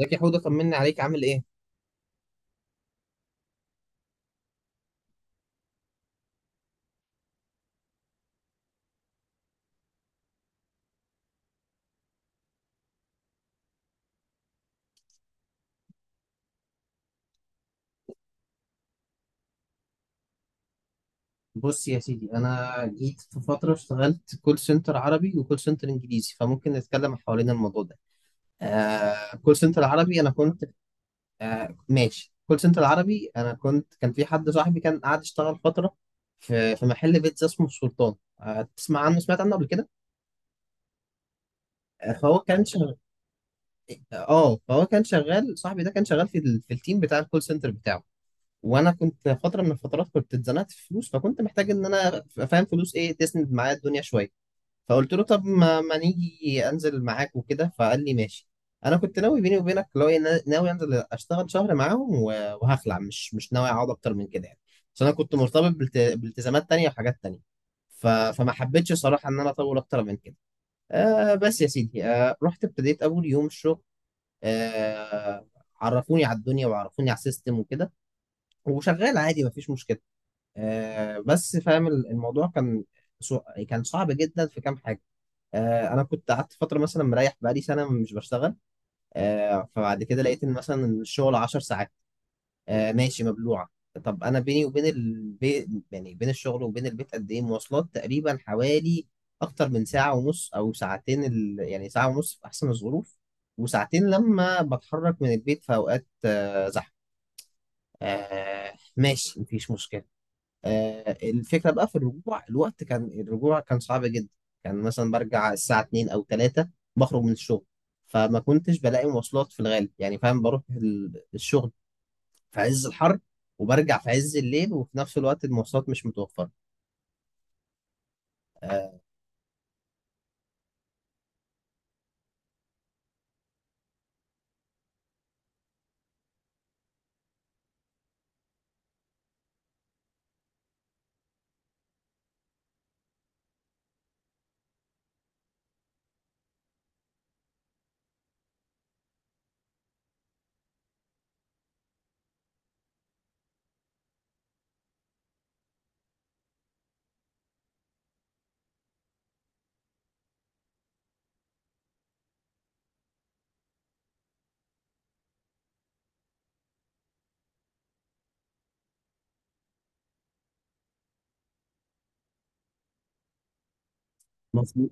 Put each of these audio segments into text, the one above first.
ازيك يا حوده؟ طمني عليك، عامل ايه؟ بص يا سيدي، انا جيت في فتره اشتغلت كول سنتر عربي وكول سنتر انجليزي، فممكن نتكلم حوالين الموضوع ده. آه كول سنتر عربي انا كنت. ماشي، كول سنتر عربي انا كنت، كان في حد صاحبي كان قاعد يشتغل فتره في محل بيتزا اسمه السلطان. آه، تسمع عنه؟ سمعت عنه قبل كده؟ آه، فهو كان شغال. اه فهو كان شغال، صاحبي ده كان شغال في في التيم بتاع الكول سنتر بتاعه. وانا كنت فتره من الفترات كنت اتزنقت في فلوس، فكنت محتاج ان انا ابقى فاهم فلوس ايه تسند معايا الدنيا شويه. فقلت له طب ما نيجي انزل معاك وكده، فقال لي ماشي. انا كنت ناوي بيني وبينك لو إيه، ناوي انزل اشتغل شهر معاهم وهخلع، مش ناوي اقعد اكتر من كده يعني. عشان انا كنت مرتبط بالتزامات تانية وحاجات تانية. فما حبيتش صراحه ان انا اطول اكتر من كده. آه بس يا سيدي، آه رحت ابتديت اول يوم الشغل. آه، عرفوني على الدنيا وعرفوني على السيستم وكده، وشغال عادي مفيش مشكله. آه، بس فاهم، الموضوع كان، سو- كان صعب جدا في كام حاجه. آه، انا كنت قعدت فتره، مثلا مريح بقالي سنه مش بشتغل. آه، فبعد كده لقيت ان مثلا الشغل 10 ساعات. آه، ماشي مبلوعه. طب انا بيني وبين البيت، يعني بين الشغل وبين البيت قد ايه مواصلات؟ تقريبا حوالي اكتر من ساعه ونص او ساعتين، يعني ساعه ونص في احسن الظروف، وساعتين لما بتحرك من البيت في اوقات آه، زحمه. آه، ماشي مفيش مشكله. آه، الفكرة بقى في الرجوع، الوقت كان الرجوع كان صعب جدا. كان مثلا برجع الساعة 2 أو 3، بخرج من الشغل فما كنتش بلاقي مواصلات في الغالب، يعني فاهم بروح الشغل في عز الحر، وبرجع في عز الليل، وفي نفس الوقت المواصلات مش متوفرة. آه، مظبوط،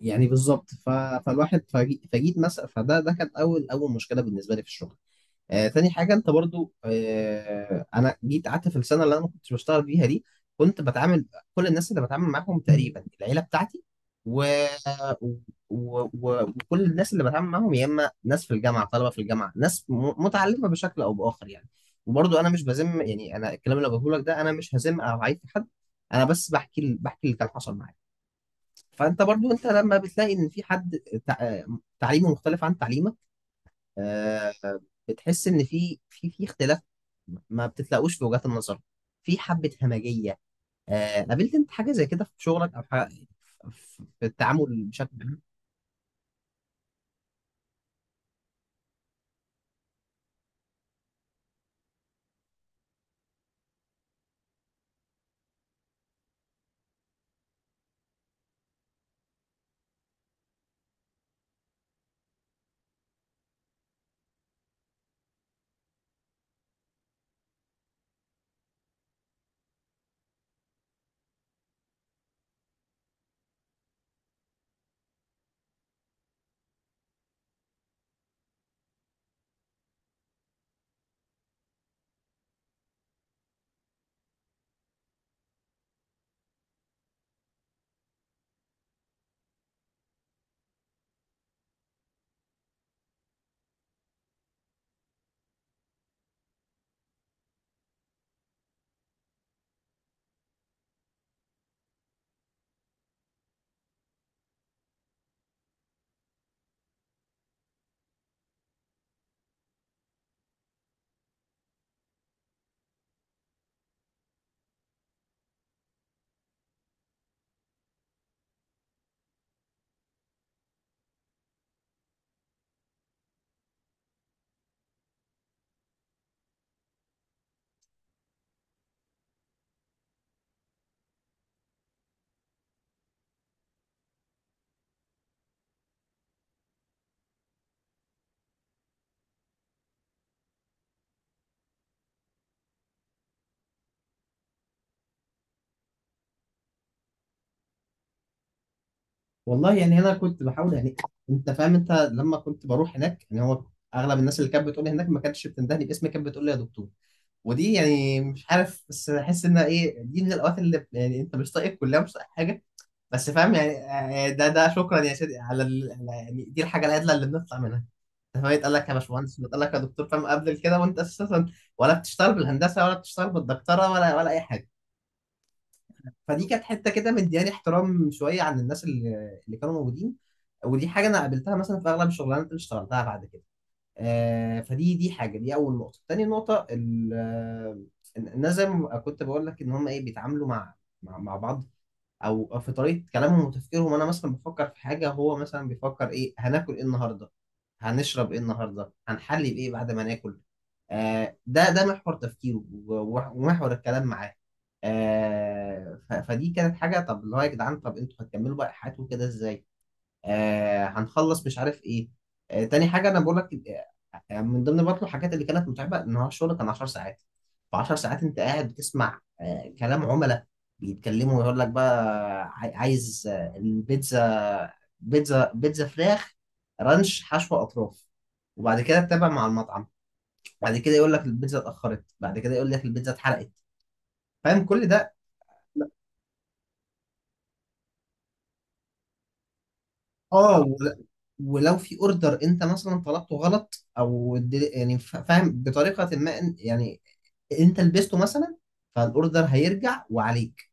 يعني بالظبط. فالواحد، فجيت مثلا، فده ده كان أول أول مشكلة بالنسبة لي في الشغل. آه، تاني حاجة، انت برضو آه انا جيت قعدت في السنة اللي انا ما كنتش بشتغل فيها دي، كنت بتعامل كل الناس اللي بتعامل معاهم تقريبا العيلة بتاعتي و... و... و... وكل الناس اللي بتعامل معاهم يا اما ناس في الجامعة، طلبة في الجامعة، ناس متعلمة بشكل او بآخر يعني. وبرضو انا مش بذم، يعني انا الكلام اللي بقوله لك ده انا مش هذم او هعيب في حد، انا بس بحكي بحكي اللي كان حصل معايا. فانت برضو انت لما بتلاقي ان في حد تع... تعليمه مختلف عن تعليمك، آه، بتحس ان في اختلاف، ما بتتلاقوش في وجهات النظر، في حبة همجية. آه، قابلت انت حاجة زي كده في شغلك او حاجة، في في التعامل بشكل عام؟ والله يعني انا كنت بحاول يعني. انت فاهم، انت لما كنت بروح هناك، يعني هو اغلب الناس اللي كانت بتقول لي هناك ما كانتش بتندهني باسمي، كانت بتقول لي يا دكتور. ودي يعني مش عارف، بس احس انها ايه، دي من الاوقات اللي يعني انت مش طايق الكليه، مش طايق حاجه، بس فاهم يعني، آه، ده ده شكرا يا سيدي على يعني دي الحاجه الادنى اللي بنطلع منها. انت فاهم، يتقال لك يا باشمهندس، ويتقال لك يا دكتور، فاهم قبل كده وانت اساسا ولا بتشتغل بالهندسه ولا بتشتغل بالدكتوره ولا اي حاجه. فدي كانت حته كده مدياني احترام شويه عن الناس اللي كانوا موجودين. ودي حاجه انا قابلتها مثلا في اغلب الشغلانات اللي اشتغلتها بعد كده. آه، فدي دي حاجه، دي اول نقطه. تاني نقطه، الناس زي ما كنت بقول لك ان هم ايه، بيتعاملوا مع مع بعض، أو في طريقه كلامهم وتفكيرهم. انا مثلا بفكر في حاجه، هو مثلا بيفكر ايه هناكل ايه النهارده، هنشرب ايه النهارده، هنحلي بايه بعد ما ناكل. آه ده ده محور تفكيره ومحور الكلام معاه. آه فدي كانت حاجه، طب اللي هو يا جدعان، طب انتوا هتكملوا بقى حياتكم كده ازاي؟ آه هنخلص مش عارف ايه. آه تاني حاجه انا بقول لك من ضمن برضه الحاجات اللي كانت متعبه ان هو الشغل كان 10 ساعات. ف 10 ساعات انت قاعد بتسمع آه كلام عملاء بيتكلموا ويقول لك بقى، عايز آه، البيتزا، بيتزا، بيتزا فراخ رانش حشو اطراف. وبعد كده تتابع مع المطعم، بعد كده يقول لك البيتزا اتاخرت، بعد كده يقول لك البيتزا اتحرقت، فاهم كل ده. اه، ولو في اوردر انت مثلا طلبته غلط او يعني ف- فاهم بطريقه ما يعني انت لبسته مثلا، فالاوردر هيرجع وعليك.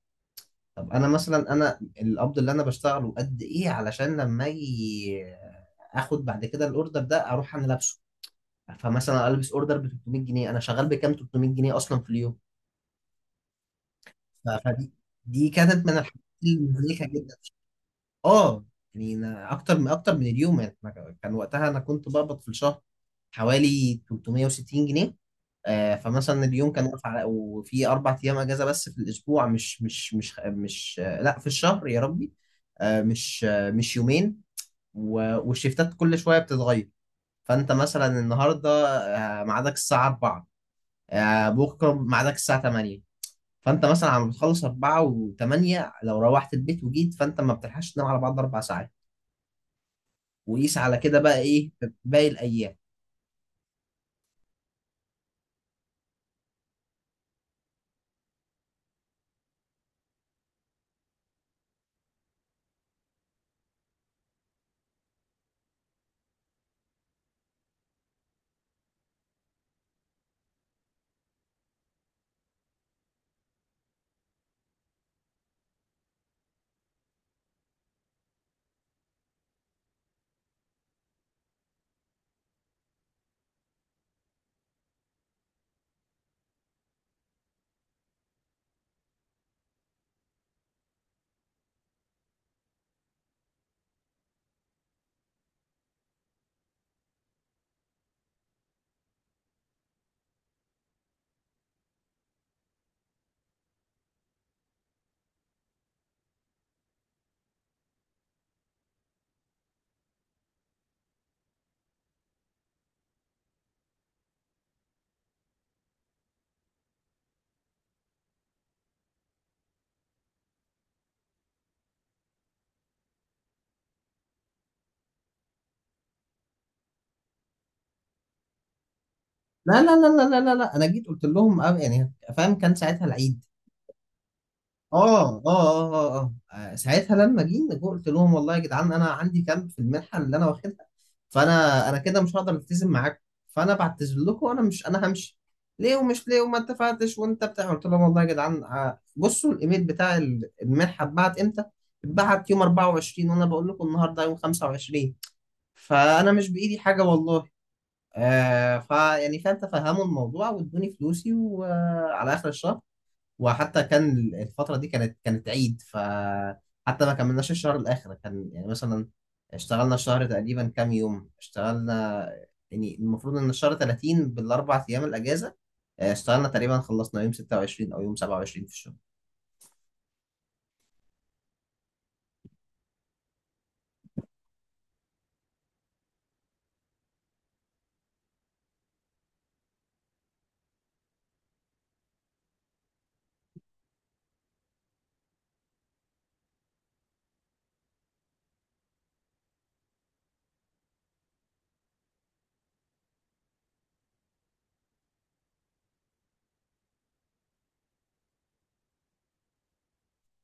طب انا مثلا، انا القبض اللي انا بشتغله قد ايه علشان لما اجي اخد بعد كده الاوردر ده اروح انا لابسه؟ فمثلا البس اوردر ب 300 جنيه، انا شغال بكام؟ 300 جنيه اصلا في اليوم. فدي دي كانت من الحاجات المهلكه جدا. اه يعني أنا اكتر من اليوم، يعني أنا كان وقتها انا كنت بقبض في الشهر حوالي 360 جنيه. آه فمثلا اليوم كان واقف على، وفي اربع ايام اجازه بس في الاسبوع، مش آه لا في الشهر يا ربي. آه مش يومين. والشيفتات كل شويه بتتغير. فانت مثلا النهارده آه ميعادك الساعه 4، آه بكره ميعادك الساعه 8. فانت مثلا عم بتخلص 4 و8، لو روحت البيت وجيت فانت ما بتلحقش تنام على بعض اربع ساعات. وقيس على كده بقى ايه في باقي الايام. لا، انا جيت قلت لهم أه، يعني فاهم كان ساعتها العيد. ساعتها لما جينا قلت لهم والله يا جدعان انا عندي كام في المنحه اللي انا واخدها، فانا كده مش هقدر التزم معاكم، فانا بعتذر لكم، وانا مش انا همشي ليه ومش ليه وما اتفقتش وانت بتاع. قلت لهم والله يا جدعان آه، بصوا الايميل بتاع المنحه اتبعت امتى، اتبعت يوم 24 وانا بقول لكم النهارده يوم 25، فانا مش بايدي حاجه والله. آه فا يعني فاهم، تفهموا الموضوع وادوني فلوسي وعلى اخر الشهر. وحتى كان الفتره دي كانت عيد، فحتى ما كملناش الشهر الاخر، كان يعني مثلا اشتغلنا الشهر تقريبا كام يوم اشتغلنا، يعني المفروض ان الشهر 30 بالاربع ايام الاجازه، آه، اشتغلنا تقريبا خلصنا يوم 26 او يوم 27 في الشهر.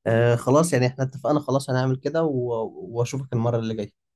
آه خلاص، يعني احنا اتفقنا خلاص، هنعمل كده واشوفك المره اللي جايه.